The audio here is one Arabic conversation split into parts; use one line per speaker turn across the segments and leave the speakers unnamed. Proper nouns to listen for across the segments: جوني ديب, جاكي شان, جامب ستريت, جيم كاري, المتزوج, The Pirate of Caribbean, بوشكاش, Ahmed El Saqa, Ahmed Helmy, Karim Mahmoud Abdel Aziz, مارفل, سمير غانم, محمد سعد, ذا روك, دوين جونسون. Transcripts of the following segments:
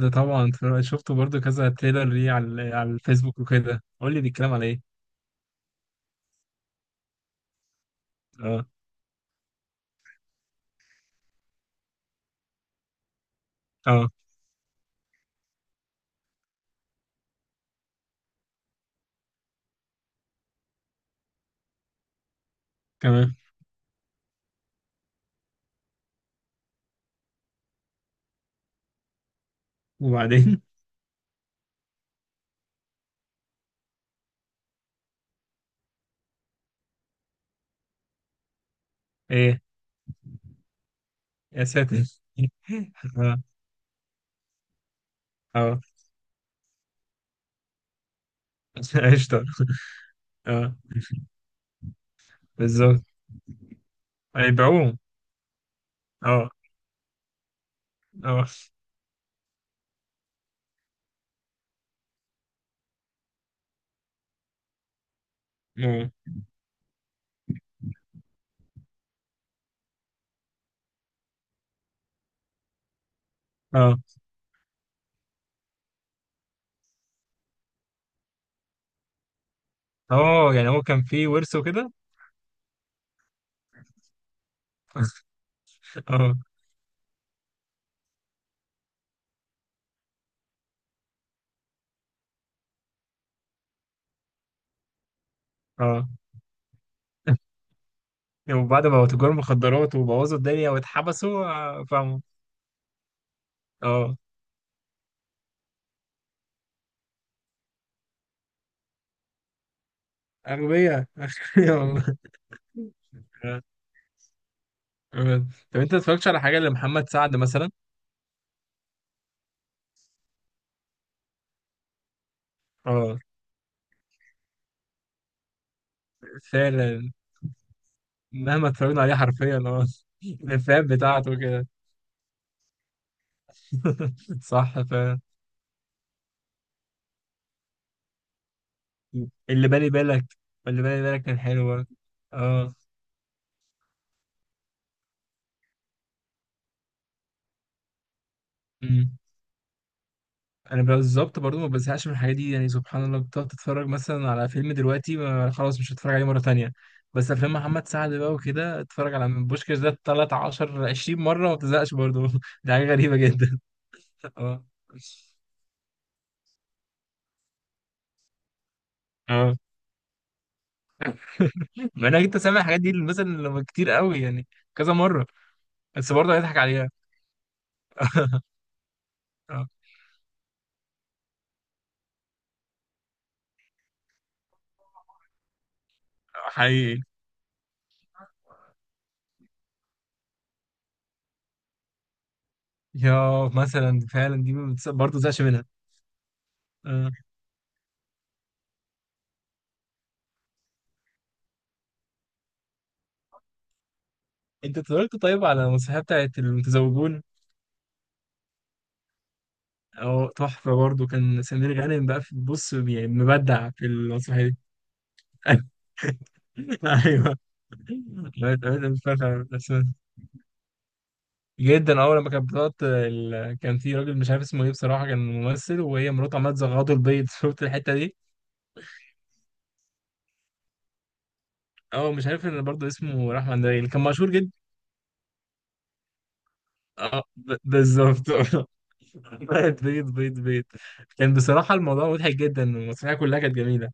شفته برضو كذا تريلر ليه على الفيسبوك وكده، قول لي بيتكلم على ايه. اه. اه. كمان. وبعدين؟ ايه. يا ساتر. اه. اه. قشطة. اه. بالظبط. هيبيعوه. اه. اه. اه. اه. اه يعني هو كان فيه ورث وكده. اه. اه وبعد ما بقوا تجار مخدرات وبوظوا الدنيا واتحبسوا، فاهموا. اه. أغبياء، أغبياء والله. آه، آه. طب انت ما اتفرجتش على حاجة لمحمد سعد مثلا؟ اه. فعلا، مهما اتفرجنا عليه حرفيا، اه. الافيهات بتاعته كده. صح فعلا. اللي بالي بالك، اللي بالي بالك كان حلو برضه. اه. أمم. انا بالظبط برضو ما بزهقش من الحاجات دي، يعني سبحان الله. بتقعد تتفرج مثلا على فيلم دلوقتي، ما خلاص مش هتفرج عليه مره تانية. بس افلام محمد سعد بقى وكده، اتفرج على من بوشكاش ده 13 20 مره وما بتزهقش برضو. دي حاجه غريبه جدا. اه. اه. مع انك انت سامع الحاجات دي مثلا لما كتير قوي، يعني كذا مره، بس برضه هيضحك عليها. آه، حقيقي. يا مثلا فعلا دي ما بتس- برضه زعش منها. آه. انت اتفرجت طيب على المسرحيه بتاعت المتزوجون؟ اه تحفه برضه، كان سمير غانم بقى في، بص يعني مبدع في المسرحيه دي. ايوه. بقيت متفرج على الأساس. جدا اول لما كانت بتقعد ال... كان في راجل مش عارف اسمه ايه بصراحه، كان ممثل وهي مراته عماله تزغطه البيض. شفت الحته دي؟ اه مش عارف، ان برضه اسمه راح مندري، اللي كان مشهور جدا. اه بالظبط. بيض بيض بيض بيض. كان بصراحة الموضوع مضحك جدا، والمسرحية كلها كانت جميلة.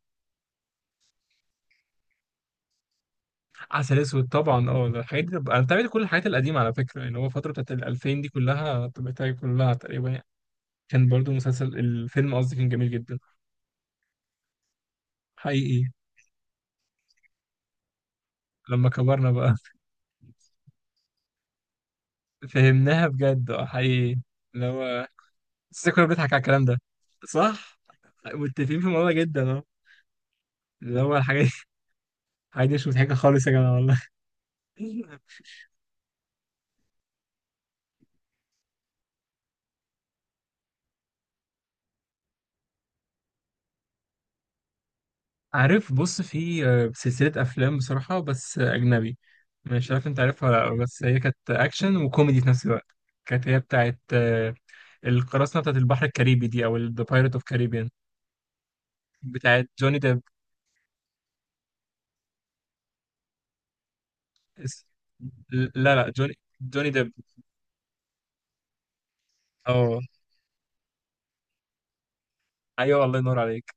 عسل أسود طبعا، اه. الحاجات دي أنا بتابعت كل الحاجات القديمة على فكرة، يعني هو فترة بتاعت الألفين دي كلها تابعتها كلها تقريبا يعني. كان برضو مسلسل، الفيلم قصدي، كان جميل جدا. حقيقي. لما كبرنا بقى، فهمناها بجد. اه حقيقي. اللي هو، بس كنا بنضحك على الكلام ده. صح. متفقين في الموضوع جدا، اه. اللي هو الحاجات الحاجات دي مش مضحكة خالص يا جماعة والله. عارف، بص في سلسلة أفلام بصراحة، بس أجنبي. مش عارف أنت عارفها ولا لأ، بس هي كانت أكشن وكوميدي في نفس الوقت. كانت هي بتاعت القراصنة، بتاعت البحر الكاريبي دي، أو The Pirate of Caribbean. بتاعت جوني ديب. اس- لا لا، جوني. جوني ديب. أه. أيوه الله ينور عليك.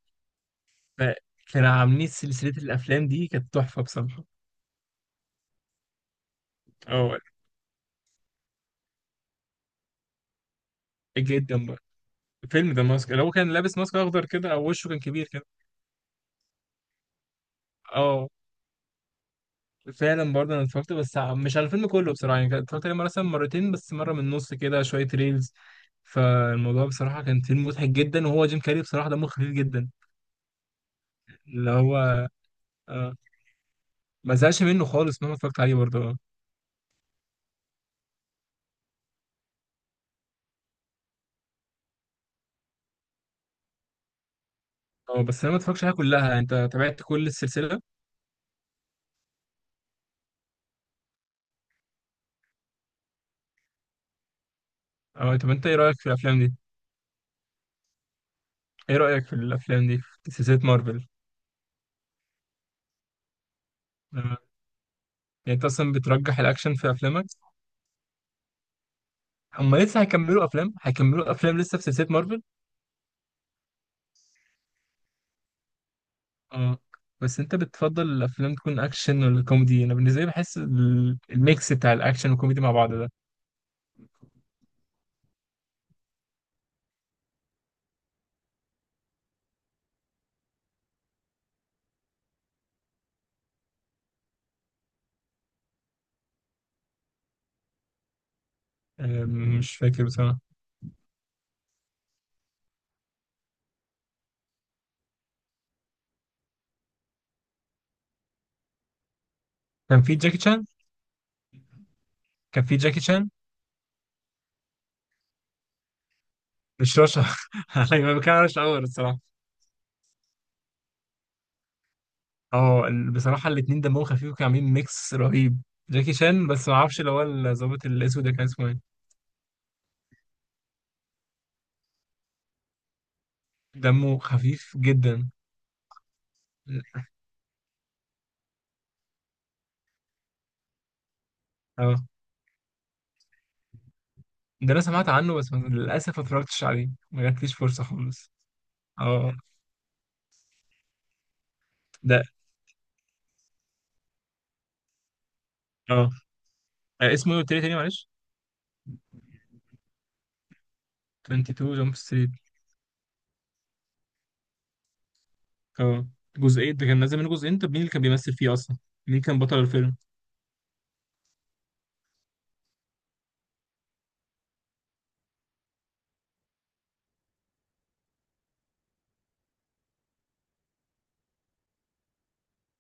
فكانوا عاملين سلسلة الأفلام دي كانت تحفة بصراحة. أه. جدا بقى. فيلم ده ماسك، اللي هو كان لابس ماسك أخضر كده، أو وشه كان كبير كده. أه. فعلا برضه انا اتفرجت، بس مش على الفيلم كله بصراحه، يعني اتفرجت عليه مثلا مرتين بس، مره من النص كده، شويه ريلز. فالموضوع بصراحه كان فيلم مضحك جدا، وهو جيم كاري بصراحه دمه خفيف جدا. اللي هو، آه. ما زهقش منه خالص مهما اتفرجت عليه برضه، اه. بس انا ما اتفرجتش عليها كلها، يعني انت تابعت كل السلسله؟ اه. طب انت ايه رايك في الافلام دي؟ ايه رايك في الافلام دي، في سلسله مارفل؟ آه. يعني انت اصلا بترجح الاكشن في افلامك. هم لسه هيكملوا افلام، هيكملوا افلام لسه في سلسله مارفل. اه. بس انت بتفضل الافلام تكون اكشن ولا كوميدي؟ انا بالنسبه لي بحس الميكس بتاع الاكشن والكوميدي مع بعض ده. مش فاكر بصراحه. كان في جاكي شان. كان في جاكي شان. مش رشا. ايوه، ما كانش اول الصراحه. اه، بصراحه الاثنين دمهم خفيف وكانوا عاملين ميكس رهيب. جاكي شان، بس ما اعرفش اللي هو الظابط الاسود ده كان اسمه ايه. دمه خفيف جدا. اه، ده انا سمعت عنه بس للاسف ما اتفرجتش عليه، ما جاتليش فرصه خالص. اه. ده. اه. اسمه ايه قلت لي تاني معلش؟ 22 جامب ستريت. اه جزئين، ده كان نازل منه جزئين. طب مين اللي كان بيمثل فيه اصلا؟ مين كان بطل الفيلم؟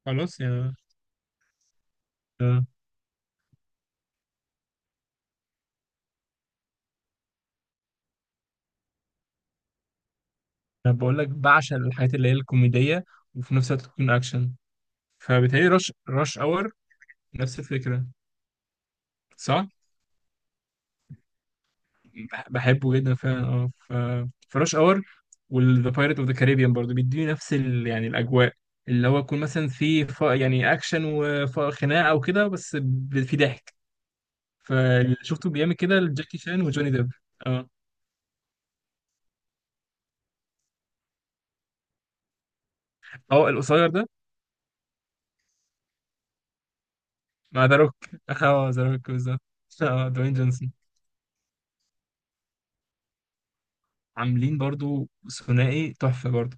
خلاص يا. آه. انا بقول لك بعشق الحاجات اللي هي الكوميديه وفي نفس الوقت تكون اكشن. فبالتهيألي رش اور نفس الفكره. صح. بحبه جدا فعلا، اه ف، فرش اور والذا بايرت اوف ذا كاريبيان برضه بيديني نفس ال... يعني الاجواء، اللي هو يكون مثلا في يعني اكشن وخناقه او كده، بس في ضحك. فشفته بيعمل كده لجاكي شان وجوني ديب. آه. اه القصير ده؟ مع ذا روك. اه ذا روك بالظبط. اه دوين جونسون. عاملين برضو ثنائي تحفة برضو.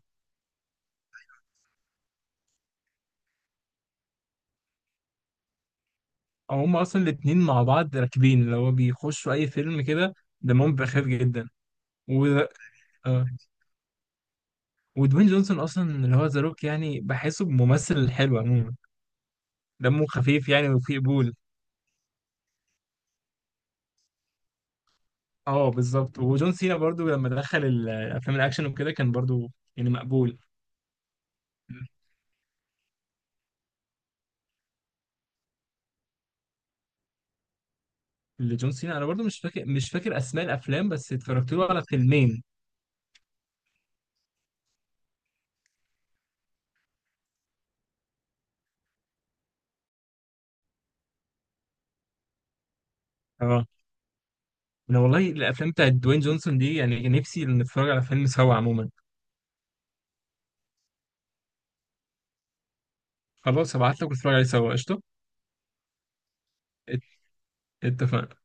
او هم اصلا الاتنين مع بعض راكبين، اللي هو بيخشوا اي فيلم كده. دمهم بخير جدا. و... آه. ودوين جونسون اصلا اللي هو ذا روك، يعني بحسه ممثل حلو عموما. دمه خفيف يعني وفيه قبول. اه بالظبط. وجون سينا برضو لما دخل الافلام الاكشن وكده كان برضو يعني مقبول. لجون سينا انا برضو مش فاكر، مش فاكر اسماء الافلام، بس اتفرجت له على فيلمين. اه. انا والله الافلام بتاعت دوين جونسون دي، يعني نفسي نتفرج على فيلم سوا عموما. خلاص هبعت لك ونتفرج عليه سوا، قشطه. ات- اتفقنا.